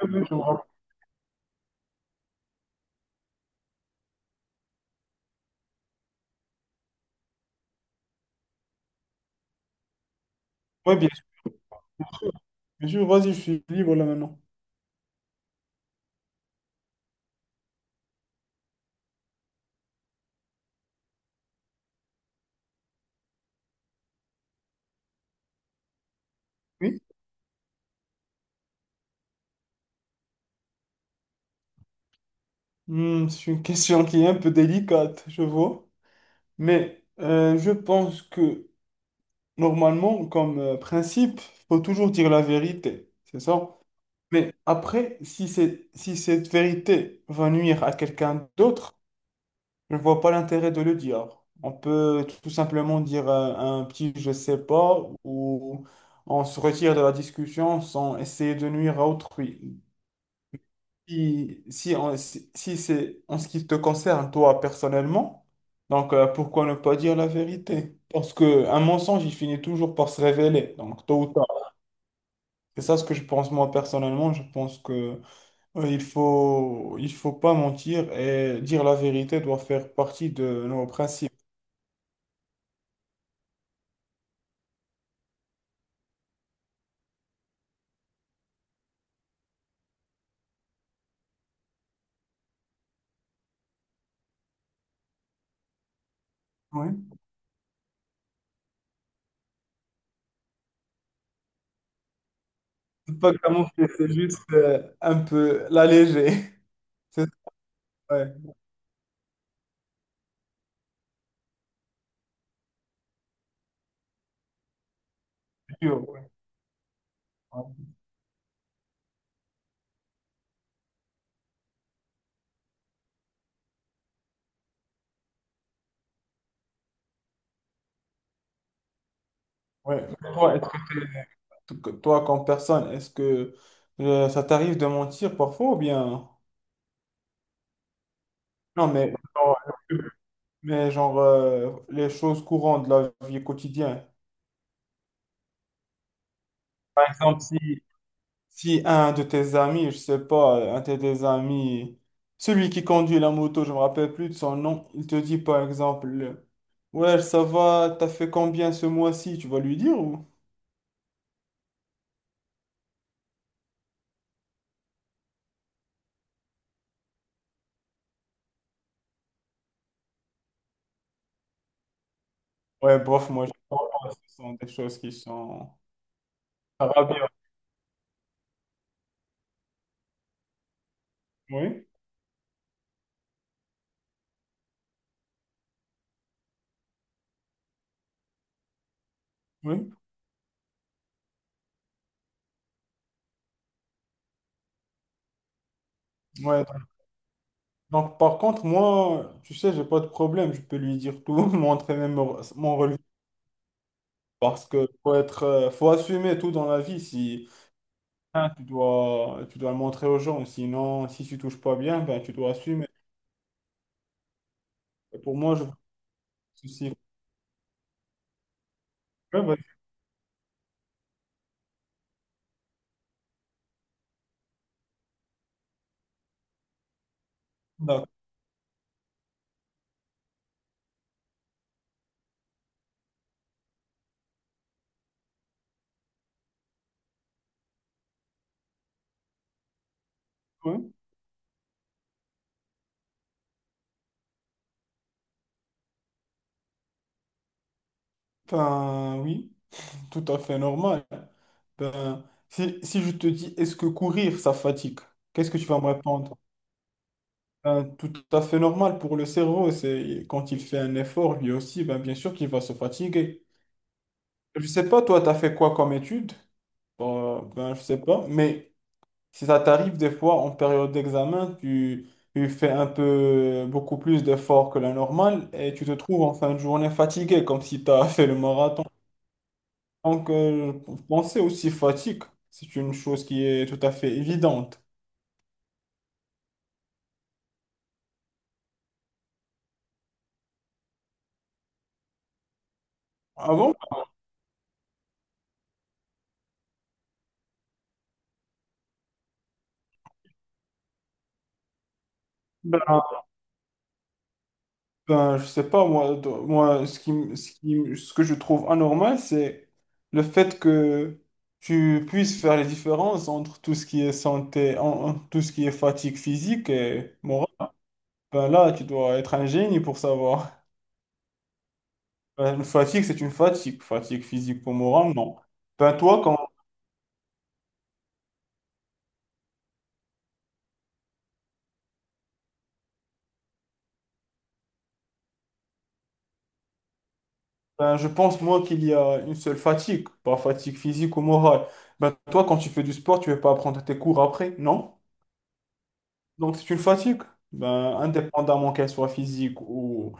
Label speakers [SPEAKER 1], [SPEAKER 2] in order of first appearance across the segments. [SPEAKER 1] Mhm. Oui, bien sûr. Bien sûr. Vas-y, je suis libre là maintenant. Oui. Hmm, c'est une question qui est un peu délicate, je vois. Mais je pense que normalement, comme principe, faut toujours dire la vérité, c'est ça? Mais après, si cette vérité va nuire à quelqu'un d'autre, je ne vois pas l'intérêt de le dire. On peut tout simplement dire un petit je sais pas, ou on se retire de la discussion sans essayer de nuire à autrui. Si, si, on- si, si c'est en ce qui te concerne, toi, personnellement, donc pourquoi ne pas dire la vérité? Parce qu'un mensonge, il finit toujours par se révéler, donc tôt ou tard. C'est ça ce que je pense moi personnellement. Je pense que il faut pas mentir, et dire la vérité doit faire partie de nos principes. Oui. C'est pas camoufler, c'est juste un peu l'alléger. C'est ouais, pur, ouais. Ouais. Ouais. Toi, est-ce que Toi, comme personne, est-ce que ça t'arrive de mentir parfois ou bien... Non, mais genre les choses courantes de la vie quotidienne. Par exemple, si, si un de tes amis, je sais pas, un de tes amis, celui qui conduit la moto, je me rappelle plus de son nom, il te dit par exemple, ouais, ça va, t'as fait combien ce mois-ci? Tu vas lui dire ou? Ouais, bof, moi, je pense que ce sont des choses qui sont... Ah, bien. Oui, oui. Ouais. Donc, par contre, moi, tu sais, j'ai pas de problème. Je peux lui dire tout, montrer même mon relevé. Parce que faut être, faut assumer tout dans la vie. Si hein, tu dois le montrer aux gens. Sinon, si tu touches pas bien, ben, tu dois assumer. Et pour moi, je vois pas de souci. Ouais, bah, d'accord, ouais. Ben, oui, tout à fait normal. Ben, si, si je te dis, est-ce que courir, ça fatigue? Qu'est-ce que tu vas me répondre? Ben, tout à fait normal pour le cerveau. C'est quand il fait un effort, lui aussi, ben, bien sûr qu'il va se fatiguer. Je sais pas, toi, tu as fait quoi comme étude? Ben, je sais pas, mais si ça t'arrive des fois en période d'examen, tu fais un peu beaucoup plus d'efforts que la normale et tu te trouves en fin de journée fatigué, comme si tu as fait le marathon. Donc, penser aussi fatigue, c'est une chose qui est tout à fait évidente. Ah bon? Ben, ben, je sais pas, moi, ce que je trouve anormal, c'est le fait que tu puisses faire les différences entre tout ce qui est santé, tout ce qui est fatigue physique et morale. Ben là, tu dois être un génie pour savoir. Ben, une fatigue, c'est une fatigue. Fatigue physique ou morale, non. Ben toi, quand, ben, je pense, moi, qu'il y a une seule fatigue, pas fatigue physique ou morale. Ben toi, quand tu fais du sport, tu ne veux pas prendre tes cours après, non? Donc c'est une fatigue, ben, indépendamment qu'elle soit physique ou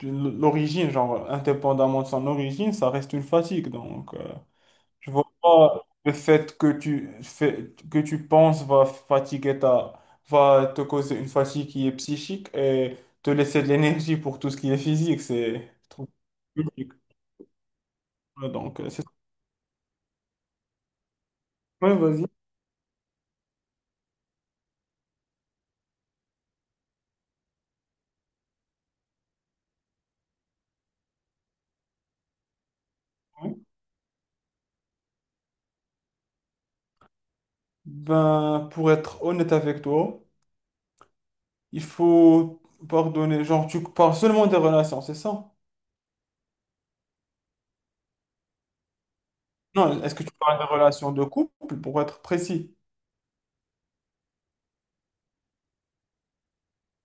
[SPEAKER 1] de l'origine, genre indépendamment de son origine, ça reste une fatigue. Donc je vois pas le fait que tu fais, que tu penses va fatiguer ta, va te causer une fatigue qui est psychique et te laisser de l'énergie pour tout ce qui est physique, c'est trop logique. Ouais. Donc c'est ouais, vas-y. Ouais. Ben pour être honnête avec toi, il faut pardonner, genre tu parles seulement des relations, c'est ça? Non, est-ce que tu parles de relations de couple, pour être précis?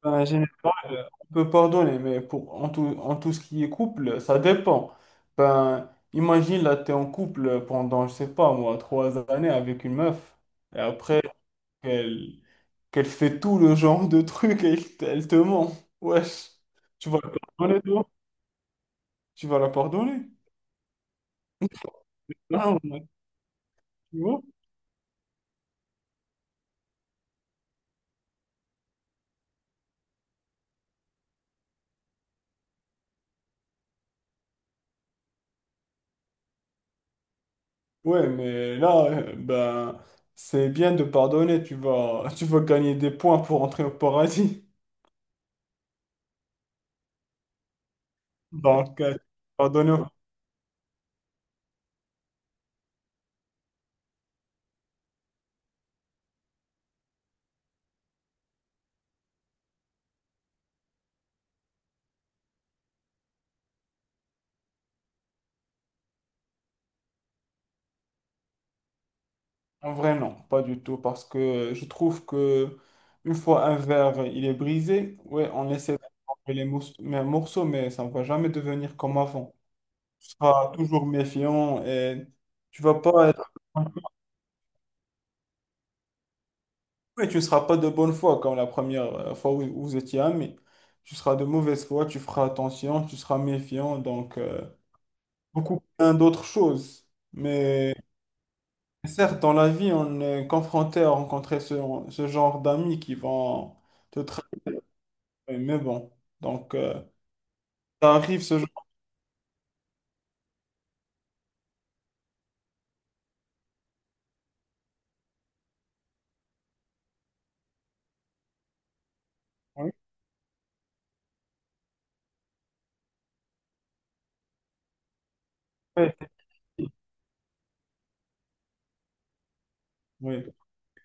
[SPEAKER 1] Généralement, on peut pardonner, mais pour, en tout ce qui est couple, ça dépend. Ben, imagine, là, tu es en couple pendant, je sais pas, moi, trois années avec une meuf, et après, qu'elle qu'elle fait tout le genre de trucs et elle te ment. Wesh, tu vas la pardonner, toi? Tu vas la pardonner? Non, tu vois? Ouais, mais là, ben, c'est bien de pardonner, tu vas, tu vas gagner des points pour entrer au paradis. Donc, pardonner, en vrai, non, pas du tout, parce que je trouve que une fois un verre, il est brisé, ouais, on essaie de couper les mais un morceau, mais ça ne va jamais devenir comme avant. Tu seras toujours méfiant et tu vas pas être... Ouais, tu ne seras pas de bonne foi comme la première fois où vous étiez amis. Tu seras de mauvaise foi, tu feras attention, tu seras méfiant, donc... beaucoup plein d'autres choses. Mais certes, dans la vie, on est confronté à rencontrer ce, ce genre d'amis qui vont te trahir. Mais bon, donc, ça arrive ce genre. Oui. Oui.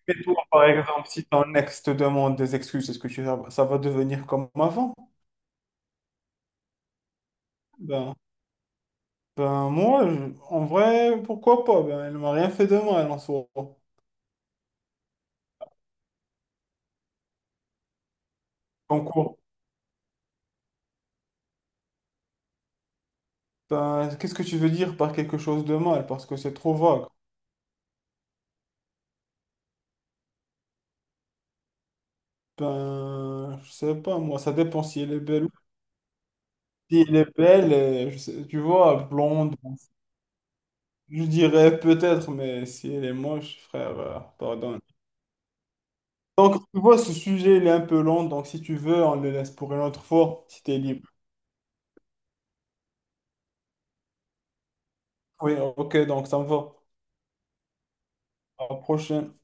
[SPEAKER 1] Et toi, par exemple, si ton ex te demande des excuses, est-ce que tu, ça va devenir comme avant? Ben, ben moi, je- en vrai, pourquoi pas? Ben, elle m'a rien fait de mal en soi. En Ben, qu'est-ce que tu veux dire par quelque chose de mal? Parce que c'est trop vague. Ben, je sais pas, moi, ça dépend si elle est belle ou si elle est belle, et je sais- tu vois, blonde, je dirais peut-être, mais si elle est moche, frère, pardonne. Donc, tu vois, ce sujet, il est un peu long, donc si tu veux, on le laisse pour une autre fois, si t'es libre. Oui, ok, donc ça me va. À la prochaine.